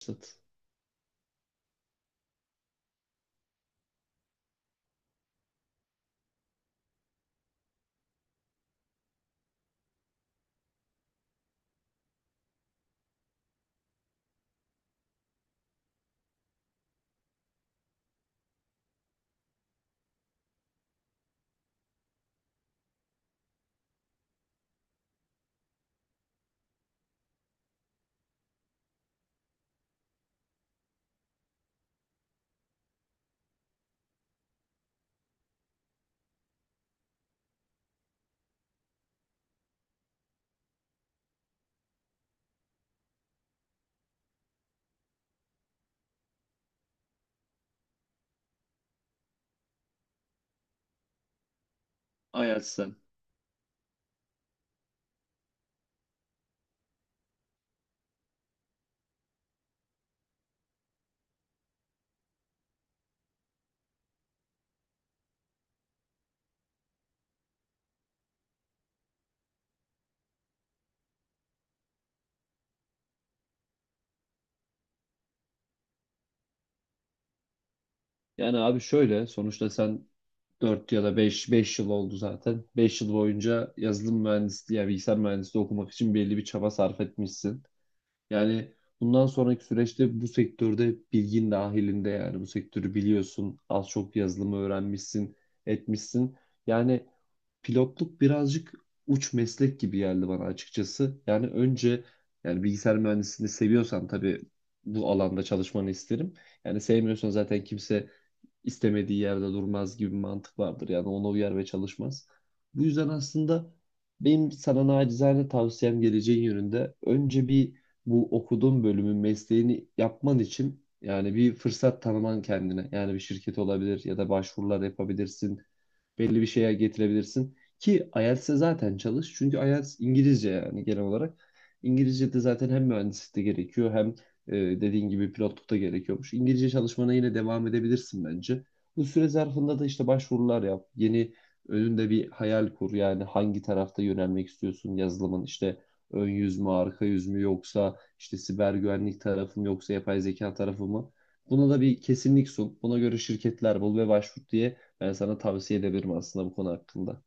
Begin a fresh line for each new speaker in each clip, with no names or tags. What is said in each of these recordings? Sat. Ajax'tan. Yani abi, şöyle sonuçta sen 4 ya da beş yıl oldu zaten. 5 yıl boyunca yazılım mühendisliği ya bilgisayar mühendisliği okumak için belli bir çaba sarf etmişsin. Yani bundan sonraki süreçte bu sektörde bilgin dahilinde, yani bu sektörü biliyorsun. Az çok yazılımı öğrenmişsin, etmişsin. Yani pilotluk birazcık uç meslek gibi geldi bana açıkçası. Yani önce, bilgisayar mühendisliğini seviyorsan tabii bu alanda çalışmanı isterim. Yani sevmiyorsan zaten kimse istemediği yerde durmaz gibi bir mantık vardır. Yani ona uyar ve çalışmaz. Bu yüzden aslında benim sana nacizane tavsiyem, geleceğin yönünde önce bir bu okuduğun bölümün mesleğini yapman için yani bir fırsat tanıman kendine. Yani bir şirket olabilir ya da başvurular yapabilirsin, belli bir şeye getirebilirsin. Ki IELTS'e zaten çalış. Çünkü IELTS İngilizce yani genel olarak. İngilizce de zaten hem mühendislikte gerekiyor hem e, dediğin gibi pilotlukta gerekiyormuş. İngilizce çalışmana yine devam edebilirsin bence. Bu süre zarfında da işte başvurular yap. Yeni önünde bir hayal kur. Yani hangi tarafta yönelmek istiyorsun yazılımın? İşte ön yüz mü, arka yüz mü, yoksa işte siber güvenlik tarafı mı yoksa yapay zeka tarafı mı? Buna da bir kesinlik sun. Buna göre şirketler bul ve başvur diye ben sana tavsiye edebilirim aslında bu konu hakkında.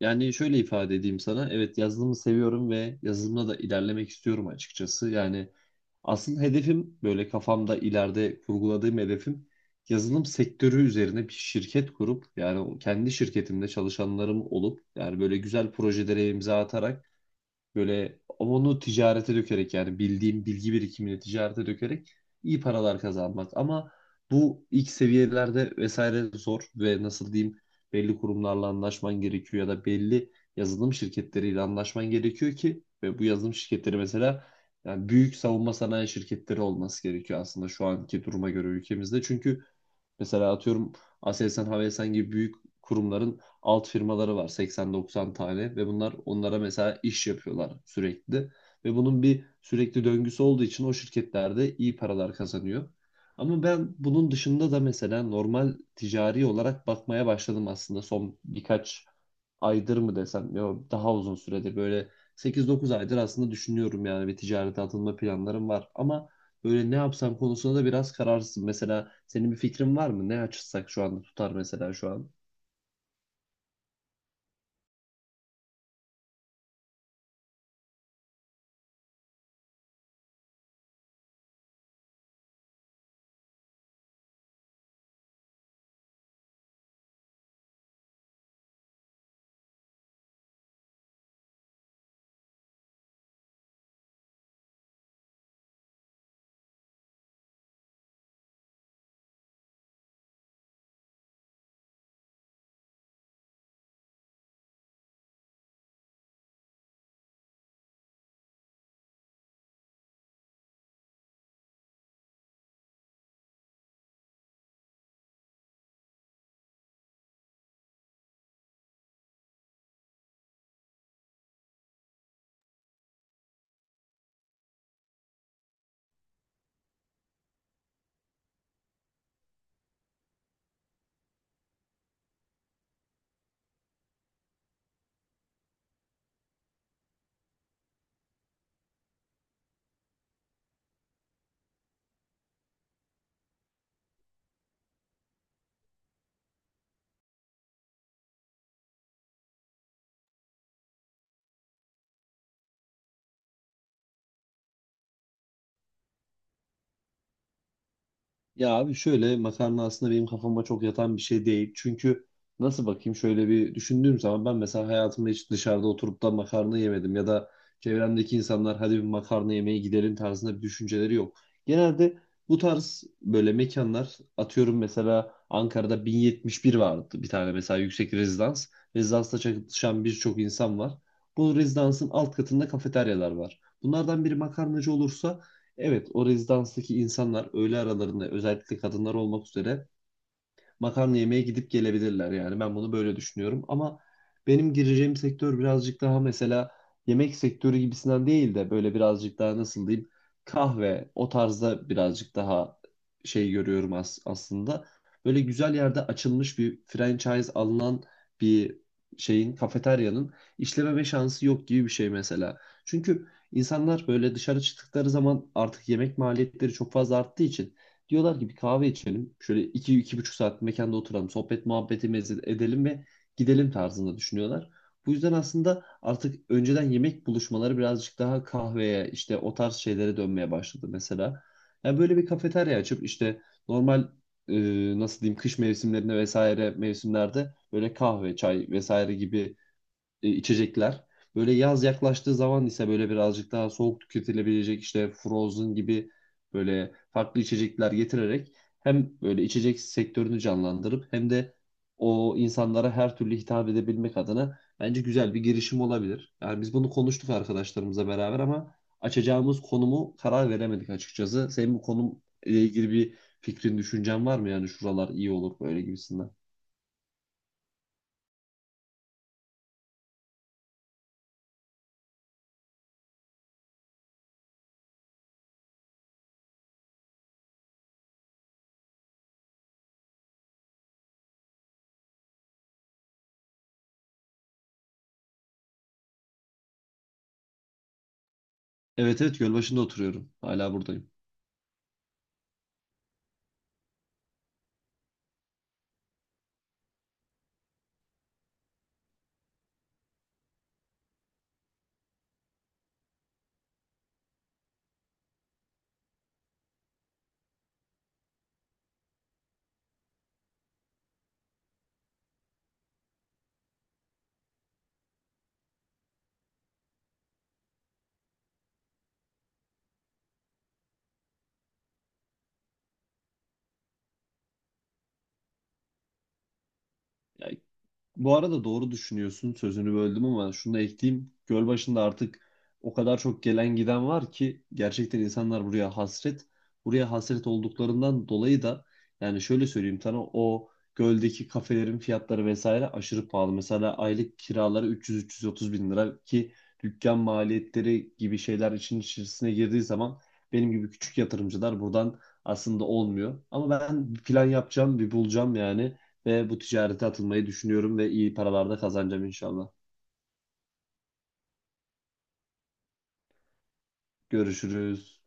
Yani şöyle ifade edeyim sana. Evet, yazılımı seviyorum ve yazılımda da ilerlemek istiyorum açıkçası. Yani asıl hedefim, böyle kafamda ileride kurguladığım hedefim, yazılım sektörü üzerine bir şirket kurup yani kendi şirketimde çalışanlarım olup yani böyle güzel projelere imza atarak, böyle onu ticarete dökerek, yani bildiğim bilgi birikimini ticarete dökerek iyi paralar kazanmak. Ama bu ilk seviyelerde vesaire zor ve nasıl diyeyim, belli kurumlarla anlaşman gerekiyor ya da belli yazılım şirketleriyle anlaşman gerekiyor ki. Ve bu yazılım şirketleri mesela yani büyük savunma sanayi şirketleri olması gerekiyor aslında şu anki duruma göre ülkemizde. Çünkü mesela atıyorum, Aselsan, Havelsan gibi büyük kurumların alt firmaları var, 80-90 tane, ve bunlar onlara mesela iş yapıyorlar sürekli, ve bunun bir sürekli döngüsü olduğu için o şirketlerde iyi paralar kazanıyor. Ama ben bunun dışında da mesela normal ticari olarak bakmaya başladım aslında son birkaç aydır mı desem, yok, daha uzun süredir, böyle 8-9 aydır aslında düşünüyorum yani. Bir ticarete atılma planlarım var ama böyle ne yapsam konusunda da biraz kararsızım. Mesela senin bir fikrin var mı? Ne açsak şu anda tutar mesela şu an? Ya abi şöyle, makarna aslında benim kafama çok yatan bir şey değil. Çünkü nasıl bakayım, şöyle bir düşündüğüm zaman, ben mesela hayatımda hiç dışarıda oturup da makarna yemedim ya da çevremdeki insanlar hadi bir makarna yemeye gidelim tarzında bir düşünceleri yok. Genelde bu tarz böyle mekanlar, atıyorum mesela Ankara'da 1071 vardı bir tane, mesela yüksek rezidans. Rezidansta çalışan birçok insan var. Bu rezidansın alt katında kafeteryalar var. Bunlardan biri makarnacı olursa, evet, o rezidanstaki insanlar öğle aralarında, özellikle kadınlar olmak üzere, makarna yemeye gidip gelebilirler yani. Ben bunu böyle düşünüyorum. Ama benim gireceğim sektör birazcık daha, mesela, yemek sektörü gibisinden değil de böyle birazcık daha, nasıl diyeyim, kahve o tarzda, birazcık daha şey görüyorum as aslında. Böyle güzel yerde açılmış bir franchise alınan bir şeyin, kafeteryanın, işlememe şansı yok gibi bir şey mesela. Çünkü insanlar böyle dışarı çıktıkları zaman artık yemek maliyetleri çok fazla arttığı için diyorlar ki bir kahve içelim. Şöyle iki, iki buçuk saat mekanda oturalım. Sohbet muhabbetimizi edelim ve gidelim tarzında düşünüyorlar. Bu yüzden aslında artık önceden yemek buluşmaları birazcık daha kahveye, işte o tarz şeylere dönmeye başladı mesela. Yani böyle bir kafeterya açıp işte normal, nasıl diyeyim, kış mevsimlerinde vesaire mevsimlerde böyle kahve, çay vesaire gibi içecekler. Böyle yaz yaklaştığı zaman ise böyle birazcık daha soğuk tüketilebilecek, işte Frozen gibi böyle farklı içecekler getirerek hem böyle içecek sektörünü canlandırıp hem de o insanlara her türlü hitap edebilmek adına bence güzel bir girişim olabilir. Yani biz bunu konuştuk arkadaşlarımızla beraber ama açacağımız konumu karar veremedik açıkçası. Senin bu konumla ilgili bir fikrin, düşüncen var mı? Yani şuralar iyi olur böyle gibisinden. Evet, evet, Gölbaşı'nda oturuyorum. Hala buradayım. Ya, bu arada doğru düşünüyorsun. Sözünü böldüm ama şunu da ekleyeyim. Gölbaşı'nda artık o kadar çok gelen giden var ki gerçekten insanlar buraya hasret. Buraya hasret olduklarından dolayı da yani şöyle söyleyeyim sana, o göldeki kafelerin fiyatları vesaire aşırı pahalı. Mesela aylık kiraları 300-330 bin lira, ki dükkan maliyetleri gibi şeyler için içerisine girdiği zaman benim gibi küçük yatırımcılar buradan aslında olmuyor. Ama ben bir plan yapacağım, bir bulacağım yani, ve bu ticarete atılmayı düşünüyorum ve iyi paralar da kazanacağım inşallah. Görüşürüz.